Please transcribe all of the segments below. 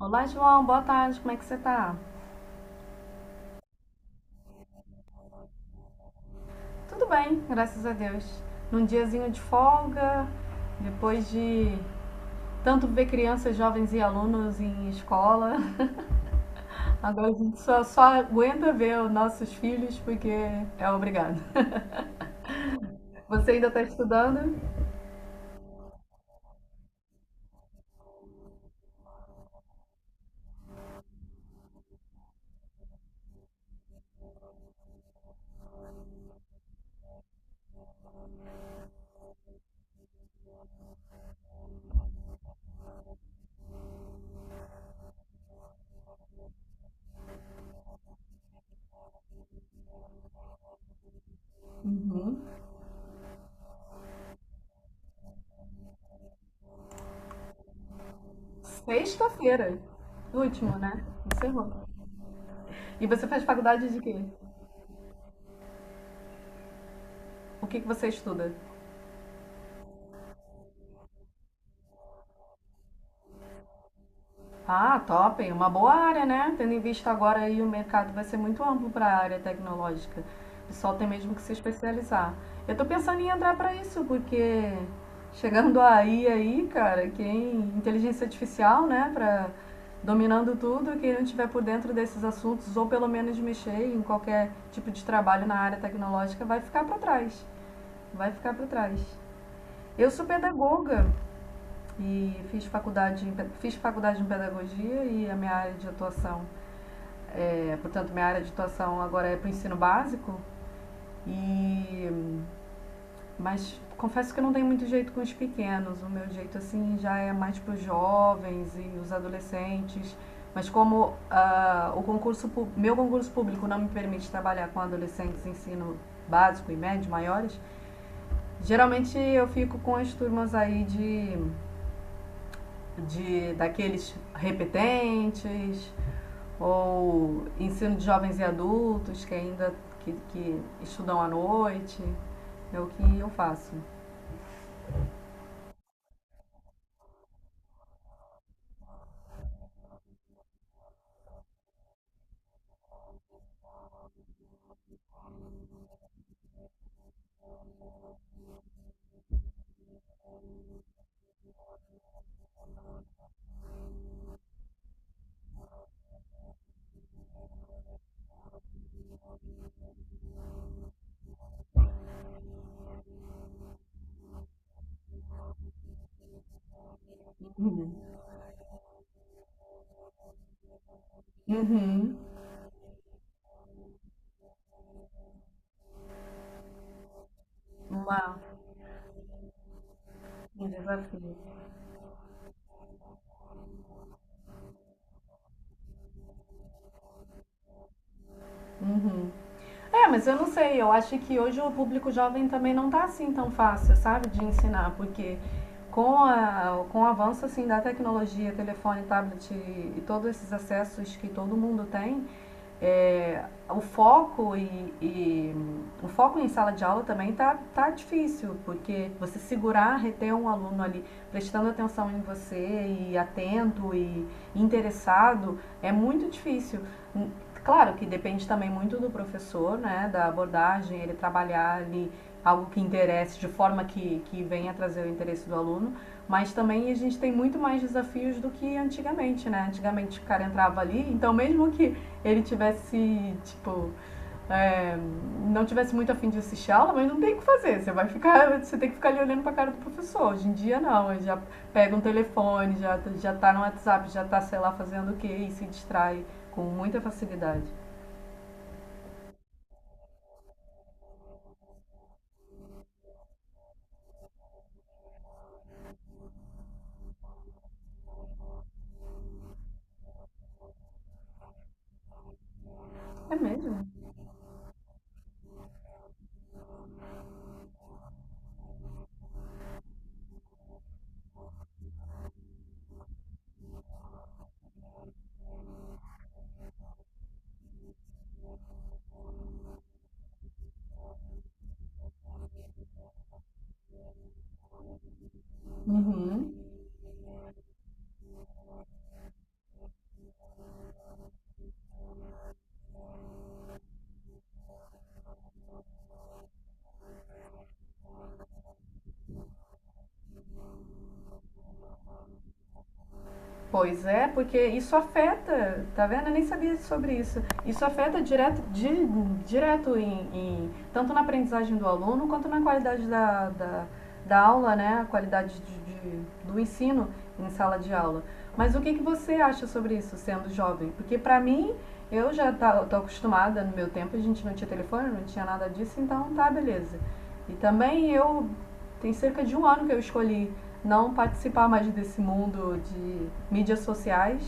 Olá, João, boa tarde, como é que você tá? Tudo bem, graças a Deus. Num diazinho de folga, depois de tanto ver crianças, jovens e alunos em escola, agora a gente só aguenta ver os nossos filhos porque é obrigado. Você ainda tá estudando? Uhum. Sexta-feira, último, né? Encerrou. E você faz faculdade de quê? O que que você estuda? Ah, top, uma boa área, né? Tendo em vista agora aí o mercado vai ser muito amplo para a área tecnológica. O pessoal tem mesmo que se especializar. Eu tô pensando em entrar para isso, porque chegando aí, cara, quem inteligência artificial, né, para dominando tudo, quem não tiver por dentro desses assuntos ou pelo menos mexer em qualquer tipo de trabalho na área tecnológica vai ficar para trás. Vai ficar para trás. Eu sou pedagoga, e fiz faculdade em pedagogia e a minha área de atuação, portanto, minha área de atuação agora é para o ensino básico. E mas confesso que eu não tenho muito jeito com os pequenos. O meu jeito assim já é mais para os jovens e os adolescentes. Mas como o concurso meu concurso público não me permite trabalhar com adolescentes em ensino básico e médio maiores, geralmente eu fico com as turmas aí de daqueles repetentes ou ensino de jovens e adultos que ainda que estudam à noite. É o que eu faço. Uhum. Uhum. Uma, um desafio. Uhum. É, mas eu não sei, eu acho que hoje o público jovem também não tá assim tão fácil, sabe, de ensinar, porque com o avanço assim da tecnologia, telefone, tablet e todos esses acessos que todo mundo tem, é, o foco e, e- o foco em sala de aula também tá difícil, porque você segurar, reter um aluno ali prestando atenção em você e atento e interessado é muito difícil. Hum, Claro que depende também muito do professor, né, da abordagem, ele trabalhar ali algo que interesse, de forma que venha trazer o interesse do aluno, mas também a gente tem muito mais desafios do que antigamente, né? Antigamente o cara entrava ali, então mesmo que ele tivesse, tipo, é, não tivesse muito afim de assistir a aula, mas não tem o que fazer. Você vai ficar, você tem que ficar ali olhando pra cara do professor. Hoje em dia não, ele já pega um telefone, já tá no WhatsApp, já tá, sei lá, fazendo o quê e se distrai com muita facilidade. É mesmo? Uhum. Pois é, porque isso afeta, tá vendo? Eu nem sabia sobre isso. Isso afeta direto, direto tanto na aprendizagem do aluno quanto na qualidade da aula, né? A qualidade do ensino em sala de aula. Mas o que, que você acha sobre isso, sendo jovem? Porque pra mim, eu tô acostumada, no meu tempo a gente não tinha telefone, não tinha nada disso, então tá, beleza. E também tem cerca de um ano que eu escolhi não participar mais desse mundo de mídias sociais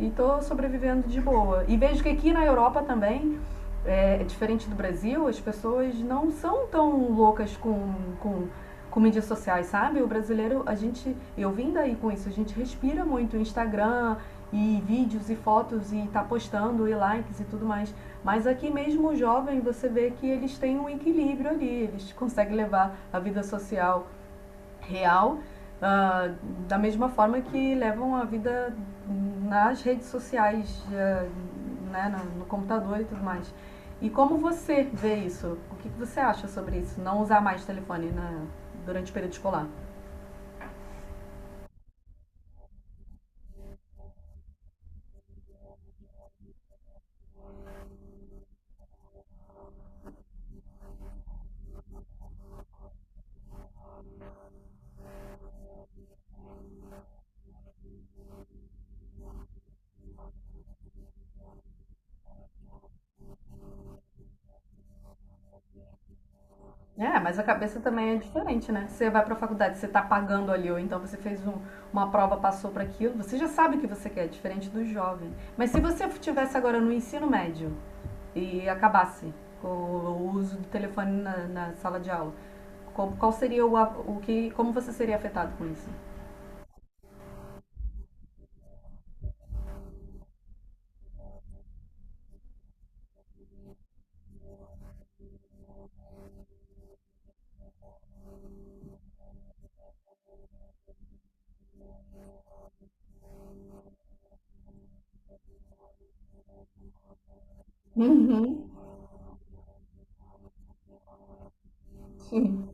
e tô sobrevivendo de boa. E vejo que aqui na Europa também, é, é diferente do Brasil, as pessoas não são tão loucas com, com mídias sociais, sabe? O brasileiro, a gente, eu vim daí com isso, a gente respira muito Instagram e vídeos e fotos e tá postando e likes e tudo mais. Mas aqui mesmo o jovem, você vê que eles têm um equilíbrio ali, eles conseguem levar a vida social real, ah, da mesma forma que levam a vida nas redes sociais, né, no computador e tudo mais. E como você vê isso? O que que você acha sobre isso? Não usar mais telefone durante o período escolar? É, mas a cabeça também é diferente, né? Você vai pra faculdade, você tá pagando ali, ou então você fez uma prova, passou para aquilo, você já sabe o que você quer, é diferente do jovem. Mas se você estivesse agora no ensino médio e acabasse com o uso do telefone na sala de aula, qual seria o, o que. Como você seria afetado com isso? Uhum, sim.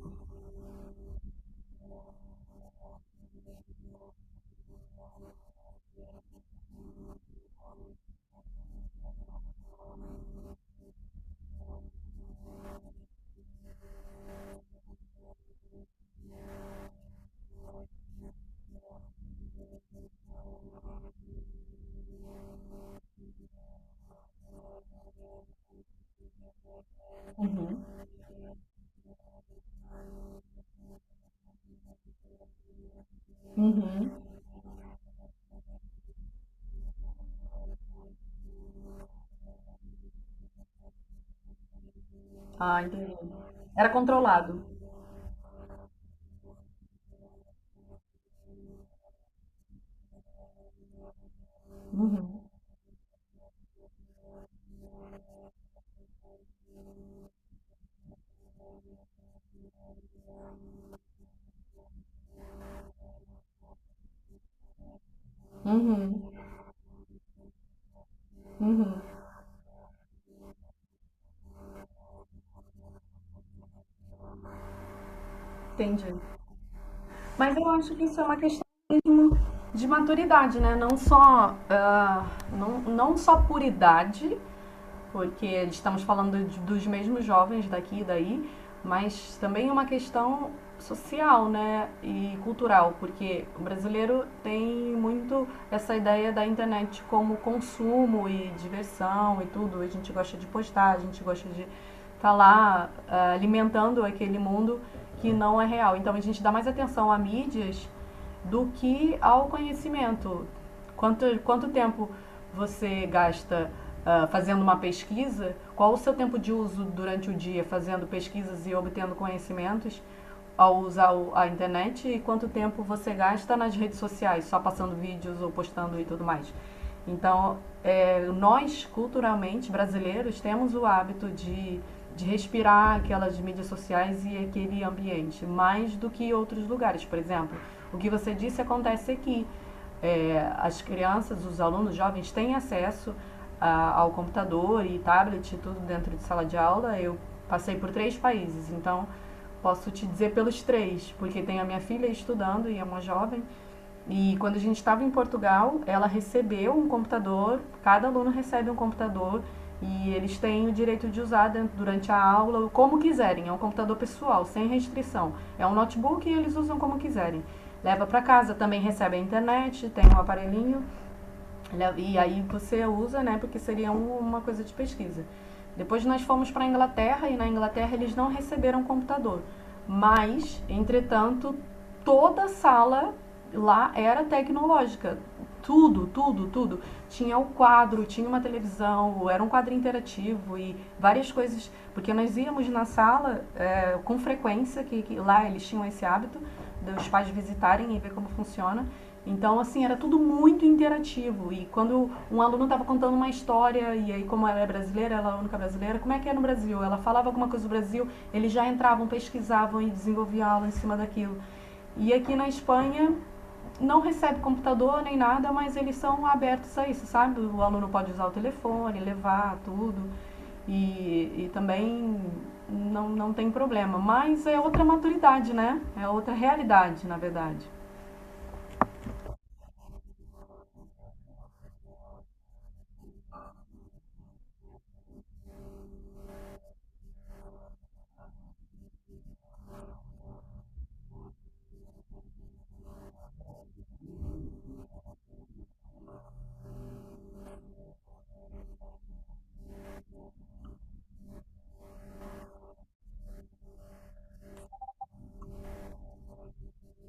Uhum, uhum. Ah, entendi. Era controlado. Uhum, uhum, entendi. Mas eu acho que isso é uma questão de maturidade, né? Não só, não só por idade, porque estamos falando dos mesmos jovens daqui e daí, mas também uma questão social, né? E cultural, porque o brasileiro tem muito essa ideia da internet como consumo e diversão e tudo. A gente gosta de postar, a gente gosta de estar lá alimentando aquele mundo que não é real. Então a gente dá mais atenção a mídias do que ao conhecimento. Quanto tempo você gasta fazendo uma pesquisa? Qual o seu tempo de uso durante o dia fazendo pesquisas e obtendo conhecimentos ao usar a internet, e quanto tempo você gasta nas redes sociais, só passando vídeos ou postando e tudo mais? Então, nós, culturalmente, brasileiros, temos o hábito de respirar aquelas mídias sociais e aquele ambiente, mais do que outros lugares. Por exemplo, o que você disse acontece aqui as crianças, os alunos jovens têm acesso ao computador e tablet e tudo dentro de sala de aula. Eu passei por três países, então posso te dizer pelos três, porque tem a minha filha estudando e é uma jovem, e quando a gente estava em Portugal, ela recebeu um computador, cada aluno recebe um computador e eles têm o direito de usar durante a aula como quiserem. É um computador pessoal, sem restrição. É um notebook e eles usam como quiserem. Leva para casa, também recebe a internet, tem um aparelhinho e aí você usa, né, porque seria uma coisa de pesquisa. Depois nós fomos para a Inglaterra e na Inglaterra eles não receberam computador. Mas, entretanto, toda a sala lá era tecnológica. Tudo, tudo, tudo. Tinha o quadro, tinha uma televisão, era um quadro interativo e várias coisas. Porque nós íamos na sala com frequência, que lá eles tinham esse hábito dos pais visitarem e ver como funciona. Então, assim, era tudo muito interativo. E quando um aluno estava contando uma história, e aí, como ela é brasileira, ela é a única brasileira, como é que é no Brasil? Ela falava alguma coisa do Brasil, eles já entravam, pesquisavam e desenvolviam aula em cima daquilo. E aqui na Espanha, não recebe computador nem nada, mas eles são abertos a isso, sabe? O aluno pode usar o telefone, levar tudo. E também não tem problema. Mas é outra maturidade, né? É outra realidade, na verdade.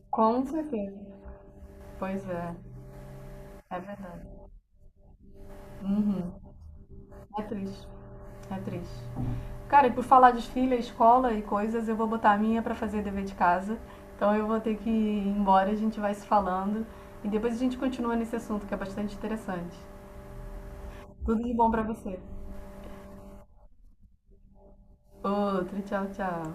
Com certeza. Pois é, é verdade. Uhum. É triste, é triste. Cara, e por falar de filha, escola e coisas, eu vou botar a minha pra fazer dever de casa. Então eu vou ter que ir embora, a gente vai se falando e depois a gente continua nesse assunto que é bastante interessante. Tudo de bom pra você. Outro, tchau, tchau.